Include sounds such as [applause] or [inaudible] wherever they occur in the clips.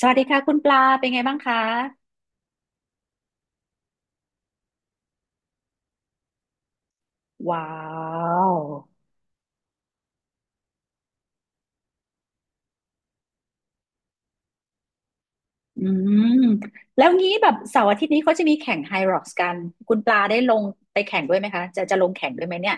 สวัสดีค่ะคุณปลาเป็นไงบ้างคะว้าวอืมแล้วงี้แบบเสาร์อาทิตย์นี้เขาจะมีแข่งไฮร็อกซ์กันคุณปลาได้ลงไปแข่งด้วยไหมคะจะลงแข่งด้วยไหมเนี่ย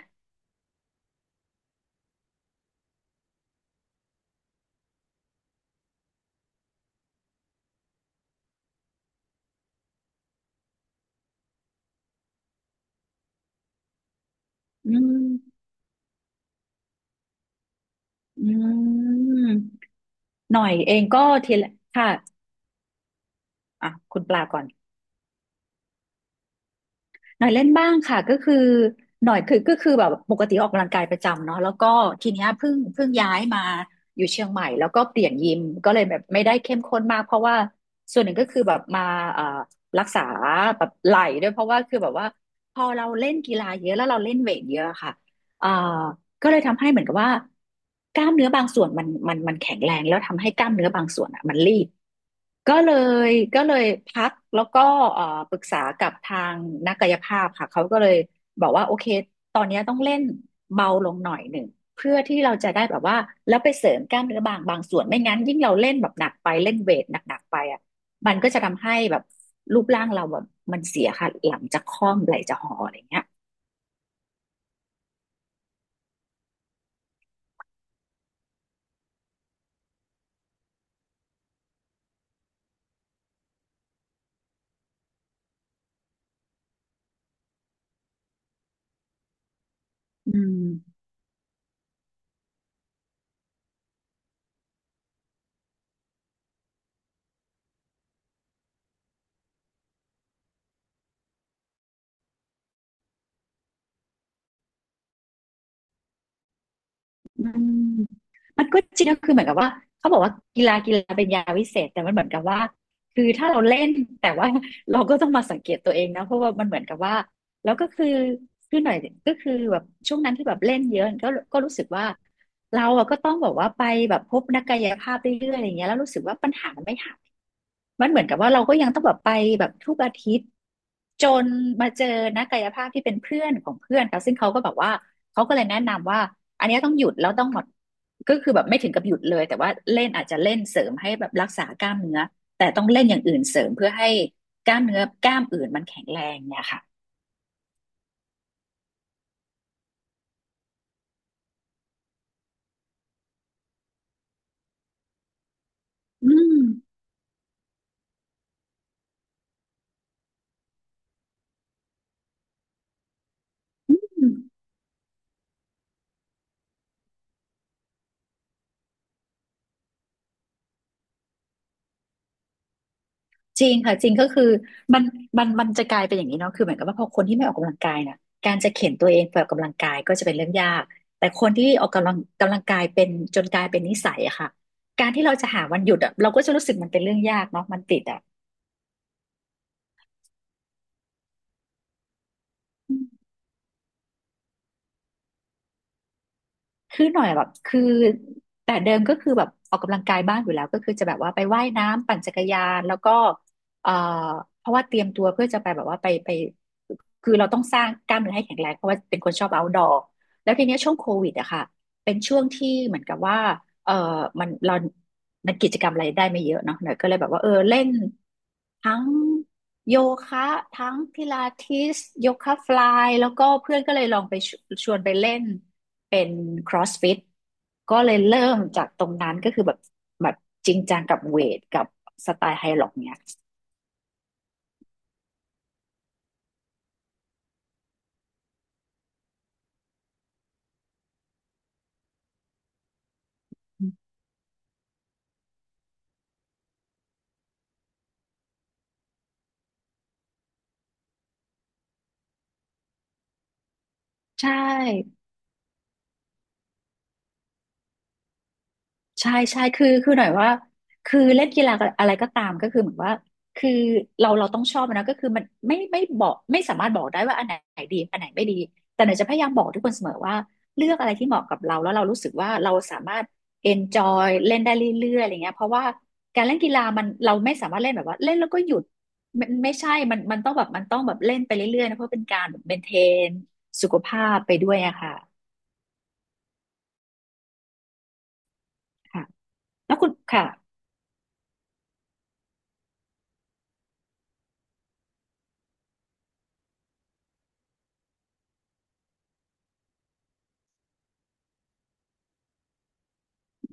อืมอืมหน่อยเองก็ทีละค่ะอ่ะคุณปลาก่อน หน่อยเล่นบ้างค่ะก็คือหน่อยคือก็คือแบบปกติออกกำลังกายประจำเนาะแล้วก็ทีเนี้ยเพิ่งย้ายมาอยู่เชียงใหม่แล้วก็เปลี่ยนยิมก็เลยแบบไม่ได้เข้มข้นมากเพราะว่าส่วนหนึ่งก็คือแบบมาเอ่อรักษาแบบไหล่ด้วยเพราะว่าคือแบบว่าพอเราเล่นกีฬาเยอะแล้วเราเล่นเวทเยอะค่ะเอ่อก็เลยทำให้เหมือนกับว่ากล้ามเนื้อบางส่วนมันแข็งแรงแล้วทำให้กล้ามเนื้อบางส่วนอ่ะมันรีบ ก็เลยก็เลยพักแล้วก็เอ่อปรึกษากับทางนักกายภาพค่ะเขาก็เลยบอกว่าโอเคตอนเนี้ยต้องเล่นเบาลงหน่อยหนึ่งเพื่อที่เราจะได้แบบว่าแล้วไปเสริมกล้ามเนื้อบางส่วนไม่งั้นยิ่งเราเล่นแบบหนักไปเล่นเวทหนักๆไปอ่ะมันก็จะทำให้แบบรูปร่างเราแบบมันเสียค่ะหลังจะค่อมไหล่จะห่ออะไรเงี้ยอืม อืมมันก็จริงก็คือเหมือนกับว่าเขาบอกว่ากีฬาเป็นยาวิเศษแต่มันเหมือนกับว่าคือถ้าเราเล่นแต่ว่า [laughs] เราก็ต้องมาสังเกตตัวเองนะเพราะว่ามันเหมือนกับว่าแล้วก็คือคือหน่อยก็คือแบบช่วงนั้นที่แบบเล่นเยอะก็ก็รู้สึกว่าเราอะก็ต้องบอกว่าไปแบบพบนักกายภาพเรื่อยๆอะไรเงี้ยแล้วรู้สึกว่าปัญหามันไม่หาย มันเหมือนกับว่าเราก็ยังต้องแบบไปแบบทุกอาทิตย์จนมาเจอนักกายภาพที่เป็นเพื่อนของเพื่อนค่ะซึ่งเขาก็แบบว่าเขาก็เลยแนะนำว่าอันเนี้ยต้องหยุดแล้วต้องหมดก็คือแบบไม่ถึงกับหยุดเลยแต่ว่าเล่นอาจจะเล่นเสริมให้แบบรักษากล้ามเนื้อแต่ต้องเล่นอย่างอื่นเสริมเพื่อให้กล้ามเนื้อกล้ามอื่นมันแข็งแรงเนี่ยค่ะอืม จริงค่ะจริงก็คือมันมันจะกลายเป็นอย่างนี้เนาะคือเหมือนกับว่าพอคนที่ไม่ออกกำลังกายน่ะการจะเข็นตัวเองไปออกกำลังกายก็จะเป็นเรื่องยากแต่คนที่ออกกำลังกายเป็นจนกลายเป็นนิสัยอะค่ะการที่เราจะหาวันหยุดอะเราก็จะรู้สึกมันเป็นเรื่องยากเนาะมันติดอะ คือหน่อยแบบคือแต่เดิมก็คือแบบออกกำลังกายบ้างอยู่แล้วก็คือจะแบบว่าไปว่ายน้ำปั่นจักรยานแล้วก็เอ่อเพราะว่าเตรียมตัวเพื่อจะไปแบบว่าไปคือเราต้องสร้างกล้ามเนื้อให้แข็งแรงเพราะว่าเป็นคนชอบ outdoor แล้วทีเนี้ยช่วงโควิดอะค่ะเป็นช่วงที่เหมือนกับว่าเออมันเรามันกิจกรรมอะไรได้ไม่เยอะเนาะหน่อยก็เลยแบบว่าเออเล่น ทั้งโยคะทั้งพิลาทิสโยคะฟลายแล้วก็เพื่อนก็เลยลองไปชวนไปเล่นเป็น CrossFit ก็เลยเริ่มจากตรงนั้นก็คือแบบแบบจริงจังกับเวทกับสไตล์ไฮล็อกเนี่ยใช่ ใช่ใช่คือคือหน่อยว่าคือเล่นกีฬาอะไรก็ตามก็คือเหมือนว่าคือเราต้องชอบมันนะก็คือมันไม่บอกไม่สามารถบอกได้ว่าอันไหนดีอันไหนไม่ดีแต่หน่อยจะพยายามบอกทุกคนเสมอว่าเลือกอะไรที่เหมาะกับเราแล้วเรารู้สึกว่าเราสามารถ enjoy เล่นได้เรื่อยๆอะไรเงี้ยเพราะว่าการเล่นกีฬามันเราไม่สามารถเล่นแบบว่าเล่นแล้วก็หยุดไมันไม่ใช่มันต้องแบบมันต้องแบบเล่นไปเรื่อยๆนะเพราะเป็นการแบบ maintain สุขภาพไปด้วยอะค่ะค่ะแล้วคุณค่ะ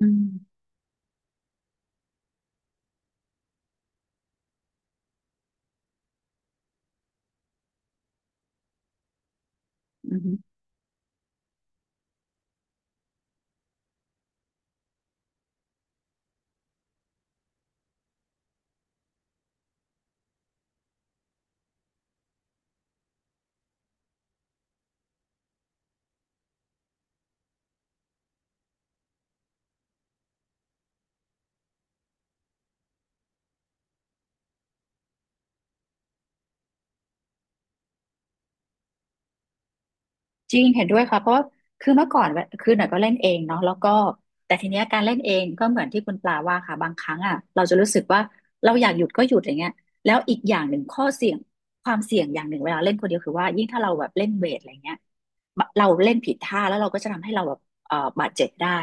อืมอืม จริงเห็นด้วยค่ะเพราะว่าคือเมื่อก่อนคือหน่อยก็เล่นเองเนาะแล้วก็แต่ทีเนี้ยการเล่นเองก็เหมือนที่คุณปลาว่าค่ะบางครั้งอ่ะเราจะรู้สึกว่าเราอยากหยุดก็หยุดอย่างเงี้ยแล้วอีกอย่างหนึ่งข้อเสี่ยงความเสี่ยงอย่างหนึ่งเวลาเล่นคนเดียวคือว่ายิ่งถ้าเราแบบเล่นเวทอะไรเงี้ยเราเล่นผิดท่าแล้วเราก็จะทำให้เราแบบบาดเจ็บได้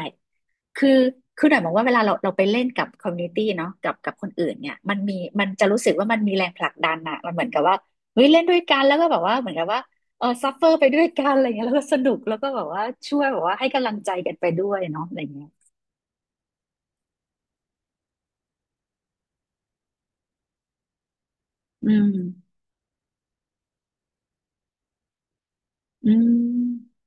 คือคือหน่อยมองว่าเวลาเราไปเล่นกับคอมมูนิตี้เนาะกับคนอื่นเนี่ยมันมีมันจะรู้สึกว่ามันมีแรงผลักดันอะมันเหมือนกับว่าเฮ้ยเล่นด้วยกันแล้วก็แบบว่าเหมือนกับว่า เออซัฟเฟอร์ไปด้วยกันอะไรเงี้ยแล้วก็สนุกแล้วก็แบบว่าช่วยแบบว่าให้กำลังใจกันไปด้วยเนาะอะไรเงี้ยอืมอืม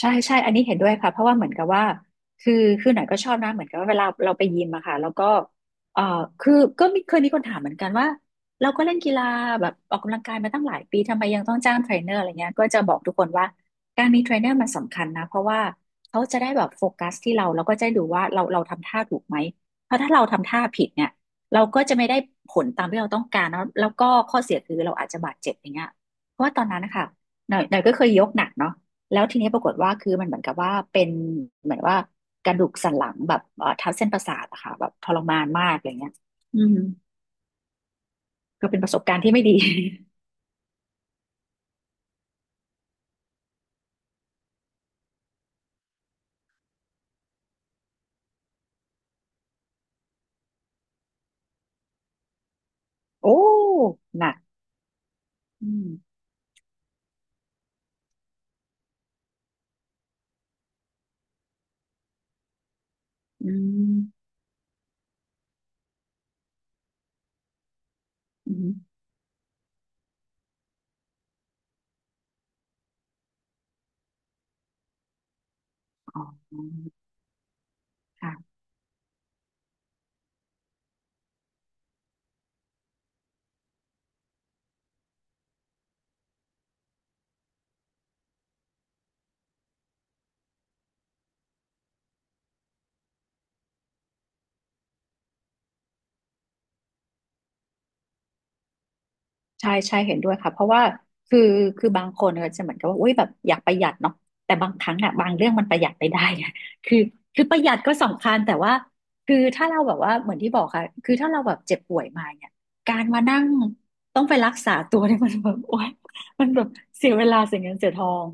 ใช่ใช่อันนี้เห็นด้วยค่ะเพราะว่าเหมือนกับว่าคือคือหน่อยก็ชอบนะเหมือนกับว่าเวลาเราไปยิมอะค่ะแล้วก็เอ่อคือก็มีเคยมีคนถามเหมือนกันว่าเราก็เล่นกีฬาแบบออกกำลังกายมาตั้งหลายปีทำไมยังต้องจ้างเทรนเนอร์อะไรเงี้ยก็จะบอกทุกคนว่าการมีเทรนเนอร์มันสำคัญนะเพราะว่าเขาจะได้แบบโฟกัสที่เราแล้วก็จะได้ดูว่าเราทำท่าถูกไหมเพราะถ้าเราทำท่าผิดเนี่ยเราก็จะไม่ได้ผลตามที่เราต้องการแล้วก็ข้อเสียคือเราอาจจะบาดเจ็บอย่างเงี้ยเพราะว่าตอนนั้นนะคะหน่อยก็เคยยกหนักเนาะ แล้วทีนี้ปรากฏว่าคือมันเหมือนกับว่าเป็นเหมือนว่ากระดูกสันหลังแบบทับเส้นประสาทอะค่ะแบบทรมานมากอะไรเงี้ยอืมก็เป็นประสบการณ์ที่ไม่ดี [laughs] โอ้หนักอืมอืมอืมอ๋อค่ะ ใช่ใช่เห็นด้วยค่ะเพราะว่าคือคือบางคนก็จะเหมือนกับว่าอุ้ยแบบอยากประหยัดเนาะแต่บางครั้งอะบางเรื่องมันประหยัดไม่ได้ไง [laughs] คือคือประหยัดก็สำคัญแต่ว่าคือถ้าเราแบบว่าเหมือนที่บอกค่ะคือถ้าเราแบบเจ็บป่วยมาเนี่ยการมานั่งต้องไปรักษาตัวเนี่ย [laughs] มันแบบโอ๊ยมันแบบเสียเวลาเสียเงินเสียทอง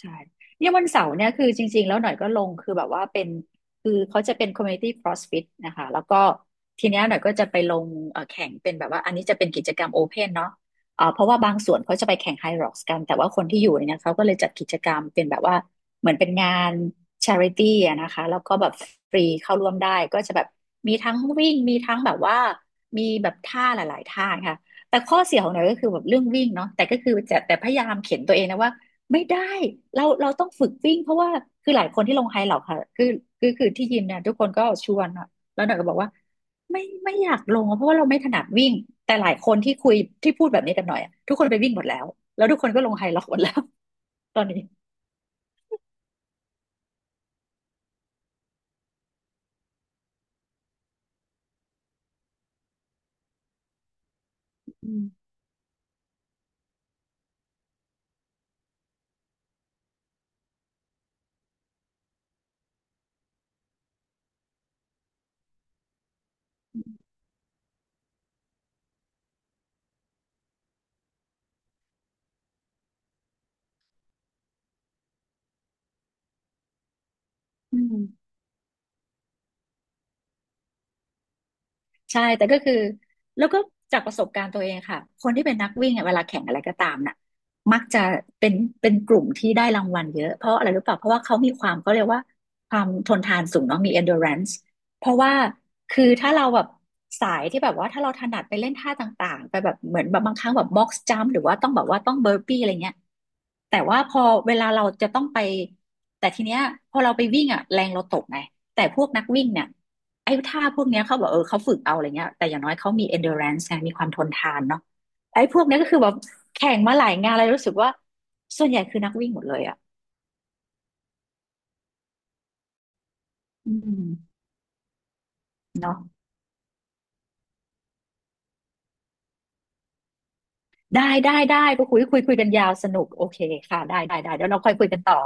ใช่เนี่ยวันเสาร์เนี่ยคือจริงๆแล้วหน่อยก็ลงคือแบบว่าเป็นคือเขาจะเป็น community CrossFit นะคะแล้วก็ทีเนี้ยหน่อยก็จะไปลงแข่งเป็นแบบว่าอันนี้จะเป็นกิจกรรมโอเพนเนาะเพราะว่าบางส่วนเขาจะไปแข่งไฮร็อกซ์กันแต่ว่าคนที่อยู่เนี่ยเขาก็เลยจัดกิจกรรมเป็นแบบว่าเหมือนเป็นงาน charity อะนะคะแล้วก็แบบฟรีเข้าร่วมได้ก็จะแบบมีทั้งวิ่งมีทั้งแบบว่ามีแบบท่าหลายๆท่าค่ะแต่ข้อเสียของหน่อยก็คือแบบเรื่องวิ่งเนาะแต่ก็คือจะแต่พยายามเข็นตัวเองนะว่า ไม่ได้เราต้องฝึกวิ่งเพราะว่าคือหลายคนที่ลงไฮเหลอกค่ะคือที่ยิมเนี่ยทุกคนก็ชวนอะแล้วหน่อยก็บอกว่าไม่อยากลงอะเพราะว่าเราไม่ถนัดวิ่งแต่หลายคนที่คุยที่พูดแบบนี้กับหน่อยอะทุกคนไปวิ่งหมดแล้วแล้วทุกคนก็ลงไฮเหลอกหมดแล้วตอนนี้อืมอืม ใช่แต่ก็คือแล้วก็จากประสบการณ์ตัวเองค่ะคนที่เป็นนักวิ่งอะเวลาแข่งอะไรก็ตามน่ะมักจะเป็นเป็นกลุ่มที่ได้รางวัลเยอะเพราะอะไรรู้เปล่าเพราะว่าเขามีความเขาเรียกว่าความทนทานสูงเนาะมี endurance เพราะว่าคือถ้าเราแบบสายที่แบบว่าถ้าเราถนัดไปเล่นท่าต่างๆไปแบบเหมือนแบบบางครั้งแบบ box jump หรือว่าต้องแบบว่าต้อง burpee อะไรเงี้ยแต่ว่าพอเวลาเราจะต้องไปแต่ทีเนี้ยพอเราไปวิ่งอ่ะแรงเราตกไงแต่พวกนักวิ่งเนี่ย ไอ้ท่าพวกเนี้ยเขาบอกเออเขาฝึกเอาอะไรเงี้ยแต่อย่างน้อยเขามี endurance ไงมีความทนทานเนาะไอ้พวกเนี้ยก็คือแบบแข่งมาหลายงานเลยรู้สึกว่าส่วนใหญ่คือนักวิ่งหมดเลยอ่ะอืมเนาะได้ได้ได้ก็คุยกันยาวสนุกโอเคค่ะได้ได้ได้เดี๋ยวเราค่อยคุยกันต่อ